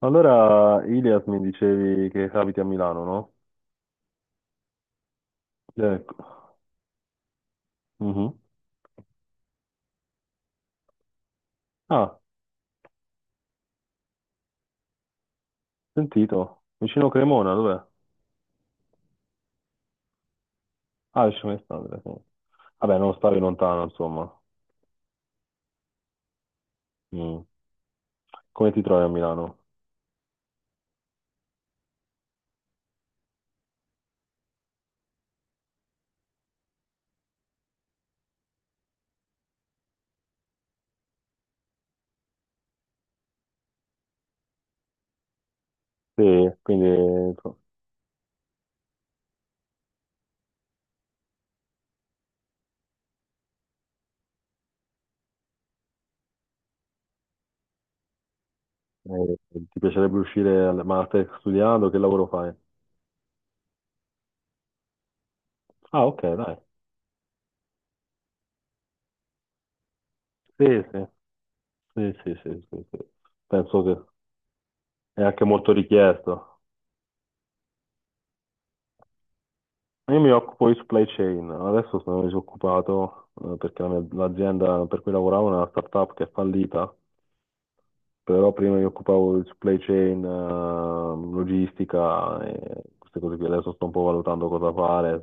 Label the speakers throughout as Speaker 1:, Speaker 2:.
Speaker 1: Allora, Ilias mi dicevi che abiti a Milano, no? Ecco. Mhm. Ah, sentito. Vicino Cremona, dov'è? Ah, vicino a Alessandria, sì. Vabbè, non stavi lontano, insomma. Mm. Come ti trovi a Milano? Sì, quindi insomma, eh, ti piacerebbe uscire, ma stai studiando, che lavoro fai? Ah, ok, dai. Sì, sì, sì, sì, sì, sì, sì. Penso che è anche molto richiesto. Io mi occupo di supply chain, adesso sono disoccupato, perché l'azienda per cui lavoravo è una startup che è fallita, però prima mi occupavo di supply chain, logistica e queste cose qui, adesso sto un po' valutando cosa fare,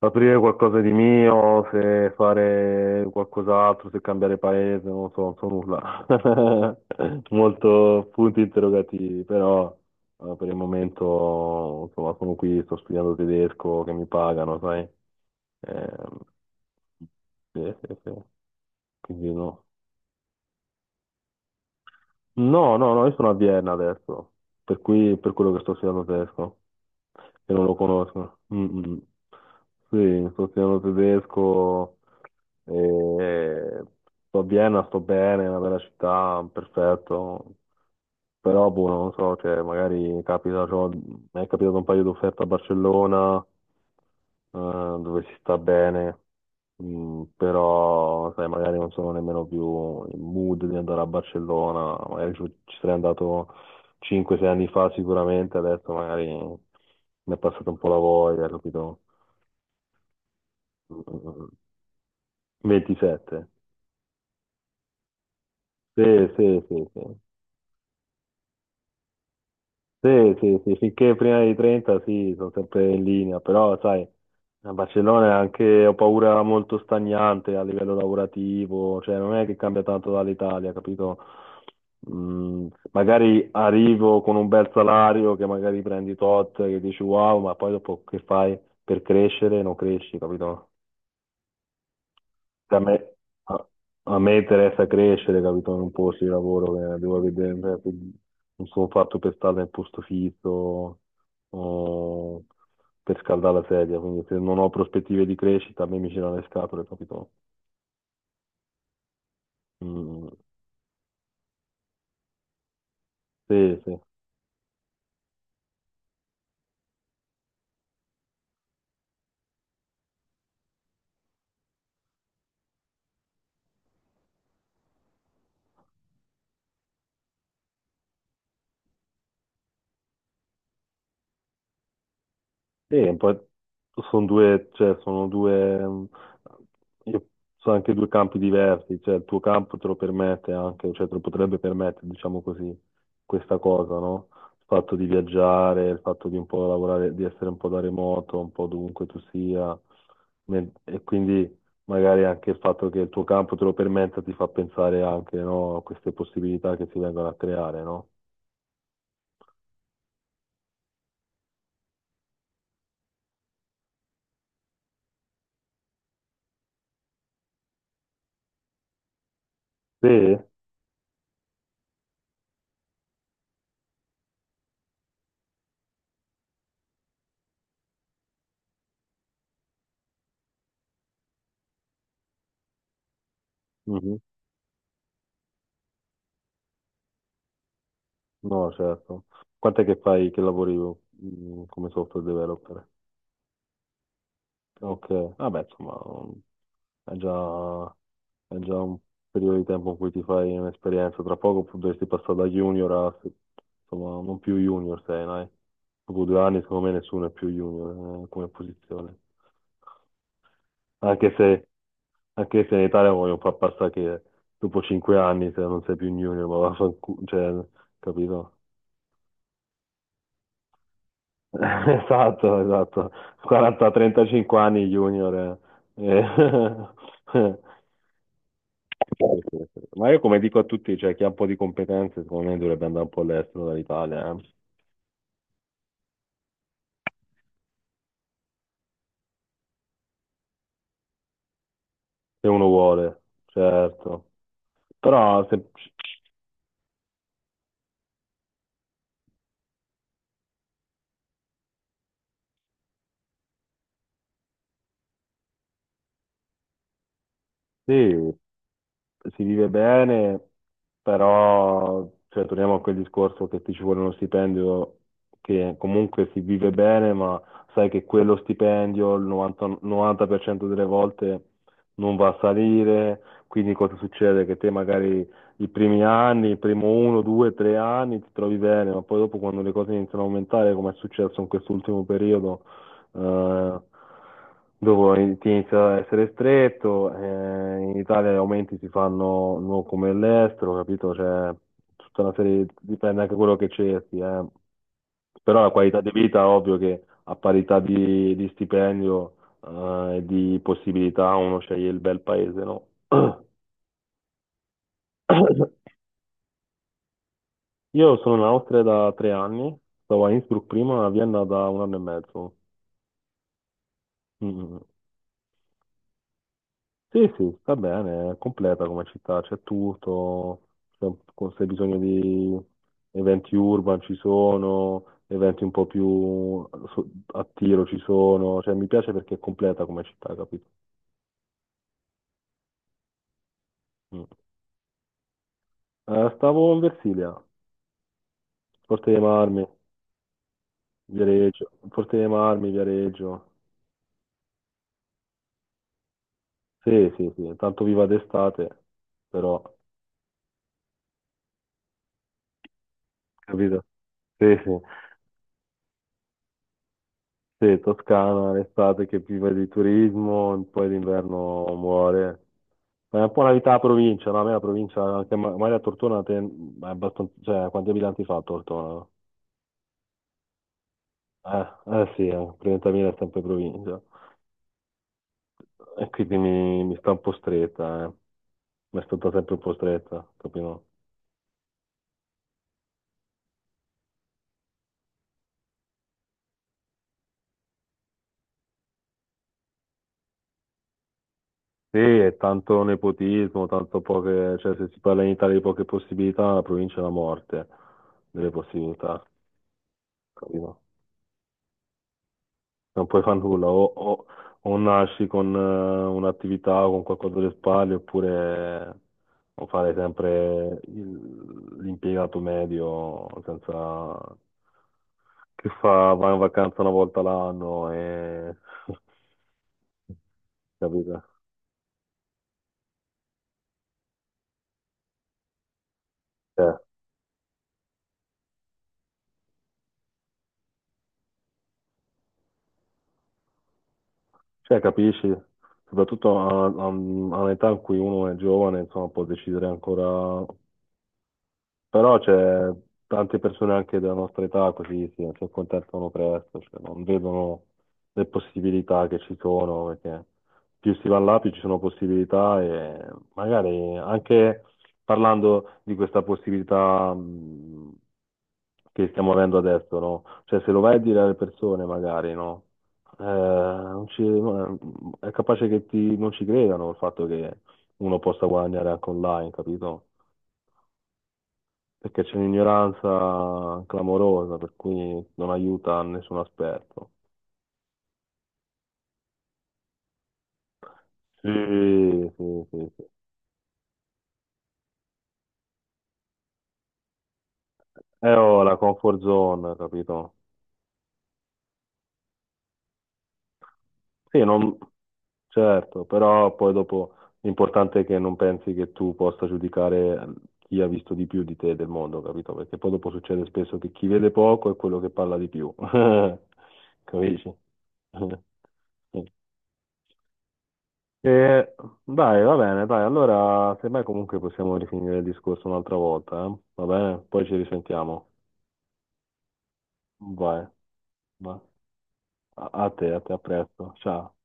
Speaker 1: aprire qualcosa di mio, se fare qualcos'altro, se cambiare paese, non lo so, non so nulla. Molto punti interrogativi, però per il momento, insomma, sono qui, sto studiando tedesco, che mi pagano, sai. Ehm, sì, sì, sì. Quindi no. No, no, no, io sono a Vienna adesso, per cui per quello che sto studiando tedesco, che non lo conosco. Mm, mm. Mm. Sì, sto studiando tedesco, e sto a Vienna, sto bene, è una bella città, perfetto, però boh, non so, cioè, magari capita, cioè, mi è capitato un paio di offerte a Barcellona, eh, dove si sta bene, però sai, magari non sono nemmeno più in mood di andare a Barcellona, magari ci sarei andato 5-6 anni fa sicuramente, adesso magari mi è passata un po' la voglia, capito? Mm, 27. Sì, sì, sì, sì. Sì, sì, sì, finché prima dei 30 sì, sono sempre in linea, però sai, a Barcellona è anche, ho paura, molto stagnante a livello lavorativo, cioè non è che cambia tanto dall'Italia, capito? Magari arrivo con un bel salario che magari prendi tot, che dici wow, ma poi dopo che fai per crescere? Non cresci, capito? a me, a- a me interessa crescere, capito? In un posto di lavoro che devo vedere, cioè, quindi non sono fatto per stare nel posto fisso o per scaldare la sedia, quindi se non ho prospettive di crescita, a me mi girano le scatole, capito? Mm, sì, sì. Sì, un po' sono due, io- sono anche due campi diversi, cioè il tuo campo te lo permette anche, cioè te lo potrebbe permettere, diciamo così, questa cosa, no? Il fatto di viaggiare, il fatto di un po' lavorare, di essere un po' da remoto, un po' dovunque tu sia, e quindi magari anche il fatto che il tuo campo te lo permetta ti fa pensare anche, no, a queste possibilità che si vengono a creare, no? Sì? No, certo. Quant'è che fai che lavori come software developer? Ok, vabbè, insomma, mm, è già, è già un periodo di tempo in cui ti fai un'esperienza. Tra poco dovresti passare da junior a, insomma, non più junior sei, dai. Dopo due anni, secondo me, nessuno è più junior, come posizione. Anche se, anche se in Italia vogliono far passare che dopo cinque anni, se non sei più un junior, ma vaffanculo, cioè, capito? Esatto, esatto. 40-35 anni junior. eh. Eh, sì, sì, sì. Ma io come dico a tutti, cioè chi ha un po' di competenze, secondo me dovrebbe andare un po' all'estero dall'Italia, eh. Se uno vuole, certo. Però se, sì, si vive bene, però cioè, torniamo a quel discorso che ti ci vuole uno stipendio che comunque si vive bene, ma sai che quello stipendio il 90% delle volte non va a salire, quindi cosa succede? Che te magari i primi anni, il primo uno, due, tre anni ti trovi bene, ma poi dopo quando le cose iniziano a aumentare, come è successo in quest'ultimo periodo, eh, dopo ti inizia ad essere stretto, in Italia gli aumenti si fanno non come all'estero, capito? Cioè, tutta una serie, dipende anche da quello che cerchi, eh. Però la qualità di vita, ovvio che a parità di stipendio, e di possibilità uno sceglie il bel paese, no? Io sono in Austria da tre anni, stavo a Innsbruck prima, a Vienna da un anno e mezzo. Mm. Mm, mm. Sì, sì, sta bene, è completa come città, c'è tutto, se se hai bisogno di eventi urban ci sono, eventi un po' più a tiro ci sono, cioè mi piace perché è completa come città, capito? Mm. Stavo in Versilia, Forte dei Marmi, Viareggio, Forte dei Marmi, Viareggio, sì, sì, sì, tanto viva d'estate, però, capito? Sì, sì. Sì, Toscana, l'estate che vive di turismo, poi d'inverno muore. Ma è un po' una vita a provincia, no? A me la provincia, anche Maria Tortona, è abbastanza, cioè, quanti abitanti fa Tortona? Eh sì, 30.000 è sempre provincia. E quindi mi sta un po' stretta, eh. Mi è stata sempre un po' stretta, capito? Sì, è tanto nepotismo, tanto poche, cioè se si parla in Italia di poche possibilità, la provincia è la morte delle possibilità, capito? Non puoi fare nulla, o nasci con un'attività o con qualcosa alle spalle, oppure o fare sempre l'impiegato medio senza, che fa, va in vacanza una volta l'anno e capito? Cioè, capisci? Soprattutto a un'età in cui uno è giovane, insomma, può decidere ancora. Però c'è tante persone anche della nostra età così sì, si accontentano presto, cioè non vedono le possibilità che ci sono, perché più si va là, più ci sono possibilità e magari anche parlando di questa possibilità che stiamo avendo adesso, no? Cioè se lo vai a dire alle persone magari, no? Non ci- No, è capace che non ci credano il fatto che uno possa guadagnare anche online, capito? Perché c'è un'ignoranza clamorosa, per cui non aiuta nessun aspetto. Sì, sì, sì, sì. Oh, la comfort zone, capito? Sì, non. Certo, però poi dopo l'importante è che non pensi che tu possa giudicare chi ha visto di più di te del mondo, capito? Perché poi dopo succede spesso che chi vede poco è quello che parla di più. Capisci? E dai, va bene, dai, allora semmai comunque possiamo rifinire il discorso un'altra volta, eh? Va bene? Poi ci risentiamo. Vai, vai. A te, a te, a presto. Ciao.